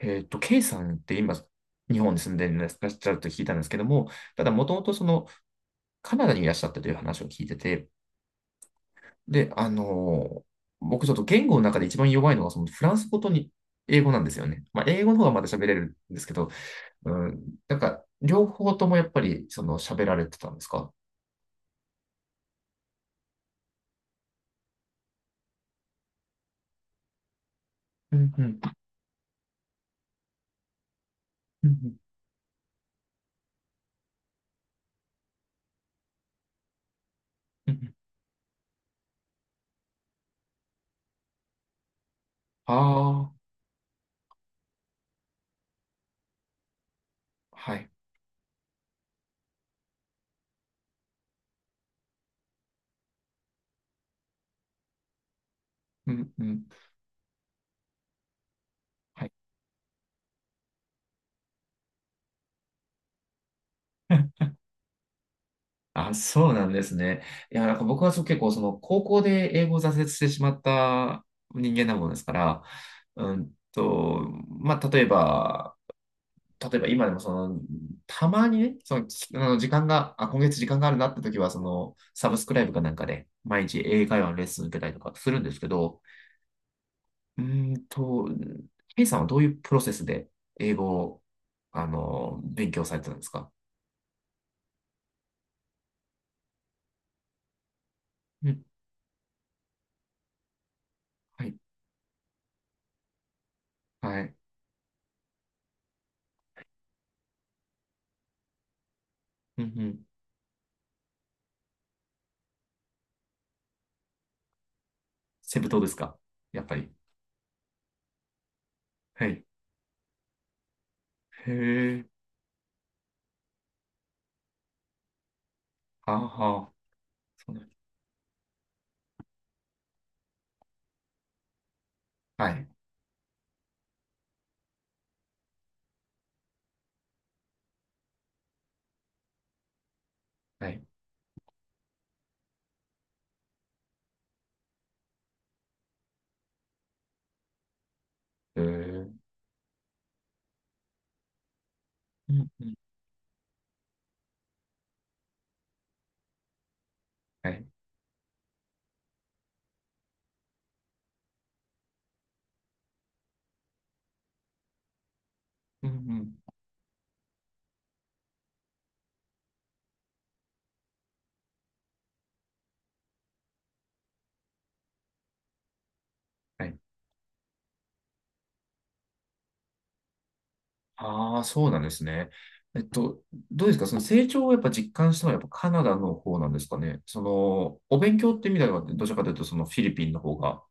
K さんって今、日本に住んでいらっしゃると聞いたんですけども、ただ、もともとカナダにいらっしゃったという話を聞いてて、で、僕ちょっと言語の中で一番弱いのは、フランス語とに英語なんですよね。まあ、英語の方がまだ喋れるんですけど、うん、なんか、両方ともやっぱり、喋られてたんですか？うんうん。うんうん。うんうん。ああ、はい。うんうん。はい。あ、そうなんですね。いや、なんか僕はそう結構高校で英語を挫折してしまった人間なもんですから、うんと、まあ、例えば、今でもたまにね、きあの時間が、あ、今月時間があるなって時は、サブスクライブかなんかで、毎日英会話のレッスン受けたりとかするんですけど、うんと、ケさんはどういうプロセスで英語を、勉強されてたんですか？うん、はい、はい。うんうん。セブ島ですか？やっぱり。はい。へえ。ああ、はあ、そうなん、はい。はい。へえ。うん、うん。はい。うん、うん。はい。ああ、そうなんですね。えっと、どうですか？その成長をやっぱ実感したのはやっぱカナダの方なんですかね。お勉強って意味では、どちらかというとそのフィリピンの方が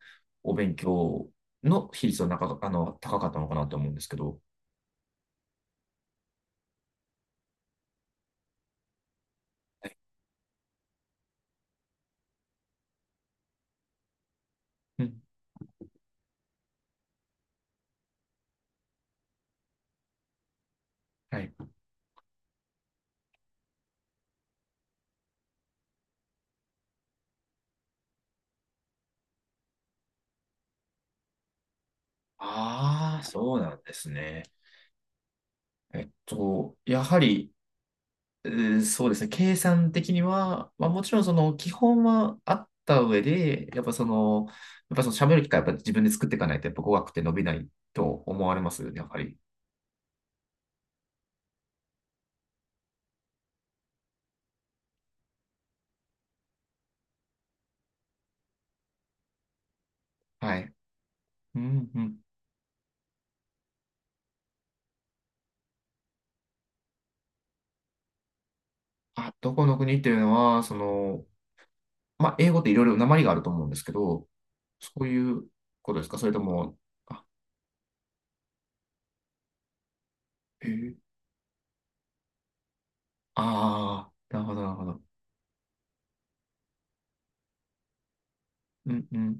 お勉強の比率は高かったのかなと思うんですけど。はい。うん。はい。ああ、そうなんですね。やはり、そうですね、計算的には、まあ、もちろんその基本はあった上で、やっぱその喋る機会やっぱ自分で作っていかないと、やっぱ語学って伸びないと思われますよね、やっぱり。はい。うんうん。あ、どこの国っていうのは、まあ、英語っていろいろ訛りがあると思うんですけど、そういうことですか？それとも、あ、へえ、ああ、なるほど、なるほど。うんうん。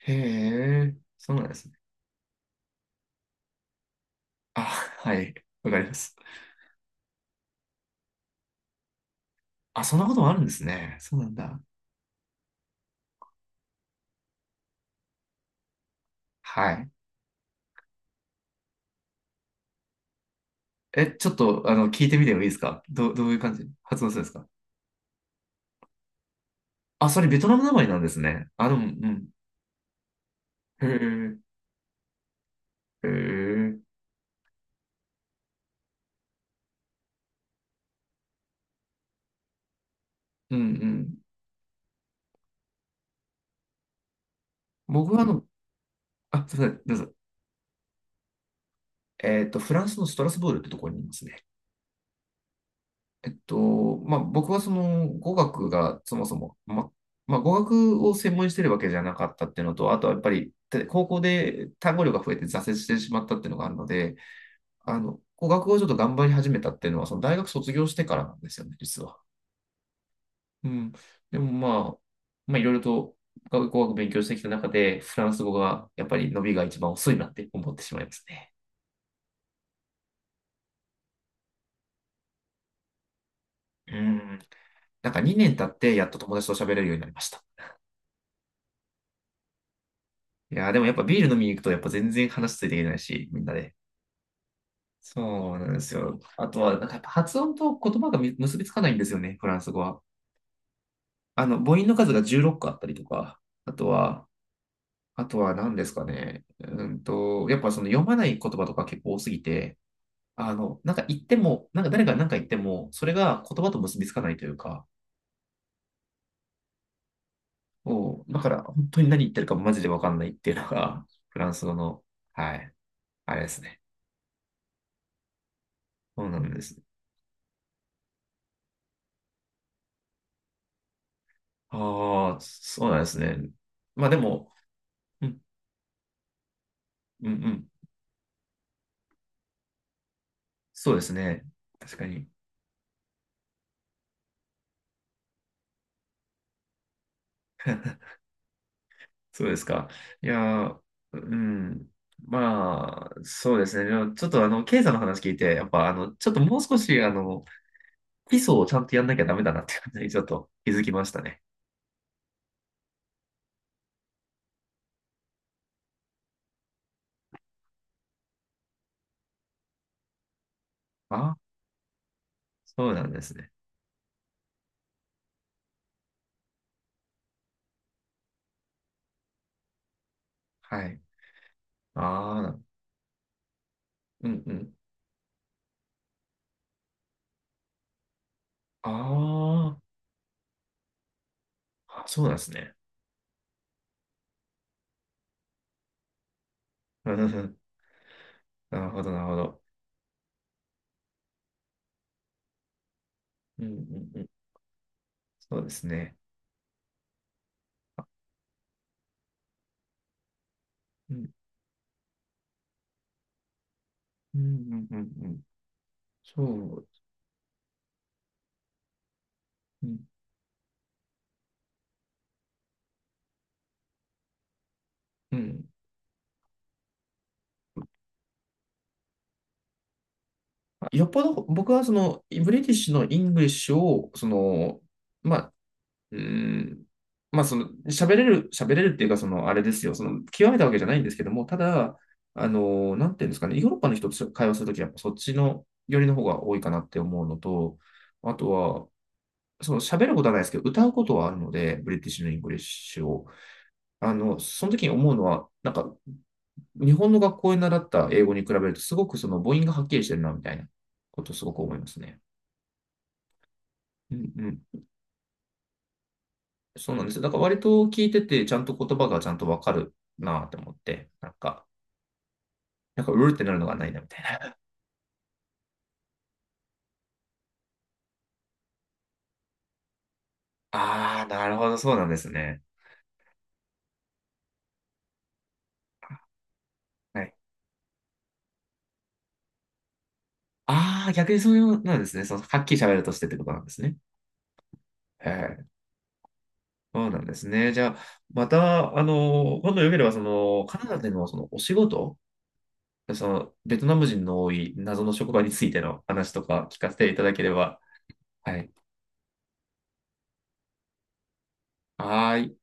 へえ、そうなんですね。あ、はい。わかります。あ、そんなこともあるんですね。そうなんだ。はい。え、ちょっと、聞いてみてもいいですか？どういう感じ発音するんですか？あ、それベトナム名前なんですね。あ、でも、うん。へえ、へえ、うんうん。僕はあ、すいません、どうぞ。フランスのストラスブールってところにいますね。まあ、僕は語学がそもそも、まあ、語学を専門にしてるわけじゃなかったっていうのと、あとはやっぱり、高校で単語量が増えて挫折してしまったっていうのがあるので、語学をちょっと頑張り始めたっていうのは、大学卒業してからなんですよね、実は。うん。でもあ、まあ、いろいろと語学勉強してきた中で、フランス語がやっぱり伸びが一番遅いなって思ってしまいますね。うん。なんか2年経ってやっと友達と喋れるようになりました。いやー、でもやっぱビール飲みに行くとやっぱ全然話ついていけないし、みんなで。そうなんですよ。あとは、なんかやっぱ発音と言葉が結びつかないんですよね、フランス語は。母音の数が16個あったりとか、あとは、あとは、何ですかね。やっぱ読まない言葉とか結構多すぎて、なんか言っても、なんか誰が何か言っても、それが言葉と結びつかないというか、もうだから本当に何言ってるかマジでわかんないっていうのが、フランス語の、はい、あれですね。そうなんですね。ああ、そうなんですね。まあでも、うん、うん、うん。そうですね。確かに。そうですか。いやー、うん。まあ、そうですね。でもちょっとケイさんの話聞いて、やっぱちょっともう少し基礎をちゃんとやんなきゃダメだなっていう感じにちょっと気づきましたね。ああ、そうなんですね。はい。ああ、うんうん。あーあ、そうなんですね。うんうん。 なるほど、なるほど。うんうんうん。そうですね。うん、うん、うん、うんうん。そう。うん、うん。よっぽど僕はブリティッシュのイングリッシュをまうーん。まあ、喋れるっていうか、あれですよ、極めたわけじゃないんですけども、ただ、なんていうんですかね、ヨーロッパの人と会話するときは、やっぱそっちの寄りの方が多いかなって思うのと、あとは、喋ることはないですけど、歌うことはあるので、ブリティッシュのイングリッシュを。その時に思うのは、なんか、日本の学校で習った英語に比べると、すごくその母音がはっきりしてるな、みたいなことをすごく思いますね。うんうん。そうなんですよ。だから割と聞いてて、ちゃんと言葉がちゃんとわかるなって思って、なんか、うるってなるのがないな、みたいな。ああ、なるほど、そうなんですね。はい。ああ、逆にそういうなんですね。はっきり喋るとしてってことなんですね。はえ、そうなんですね。じゃあ、また、今度よければ、カナダでのそのお仕事、ベトナム人の多い謎の職場についての話とか聞かせていただければ。はい。はーい。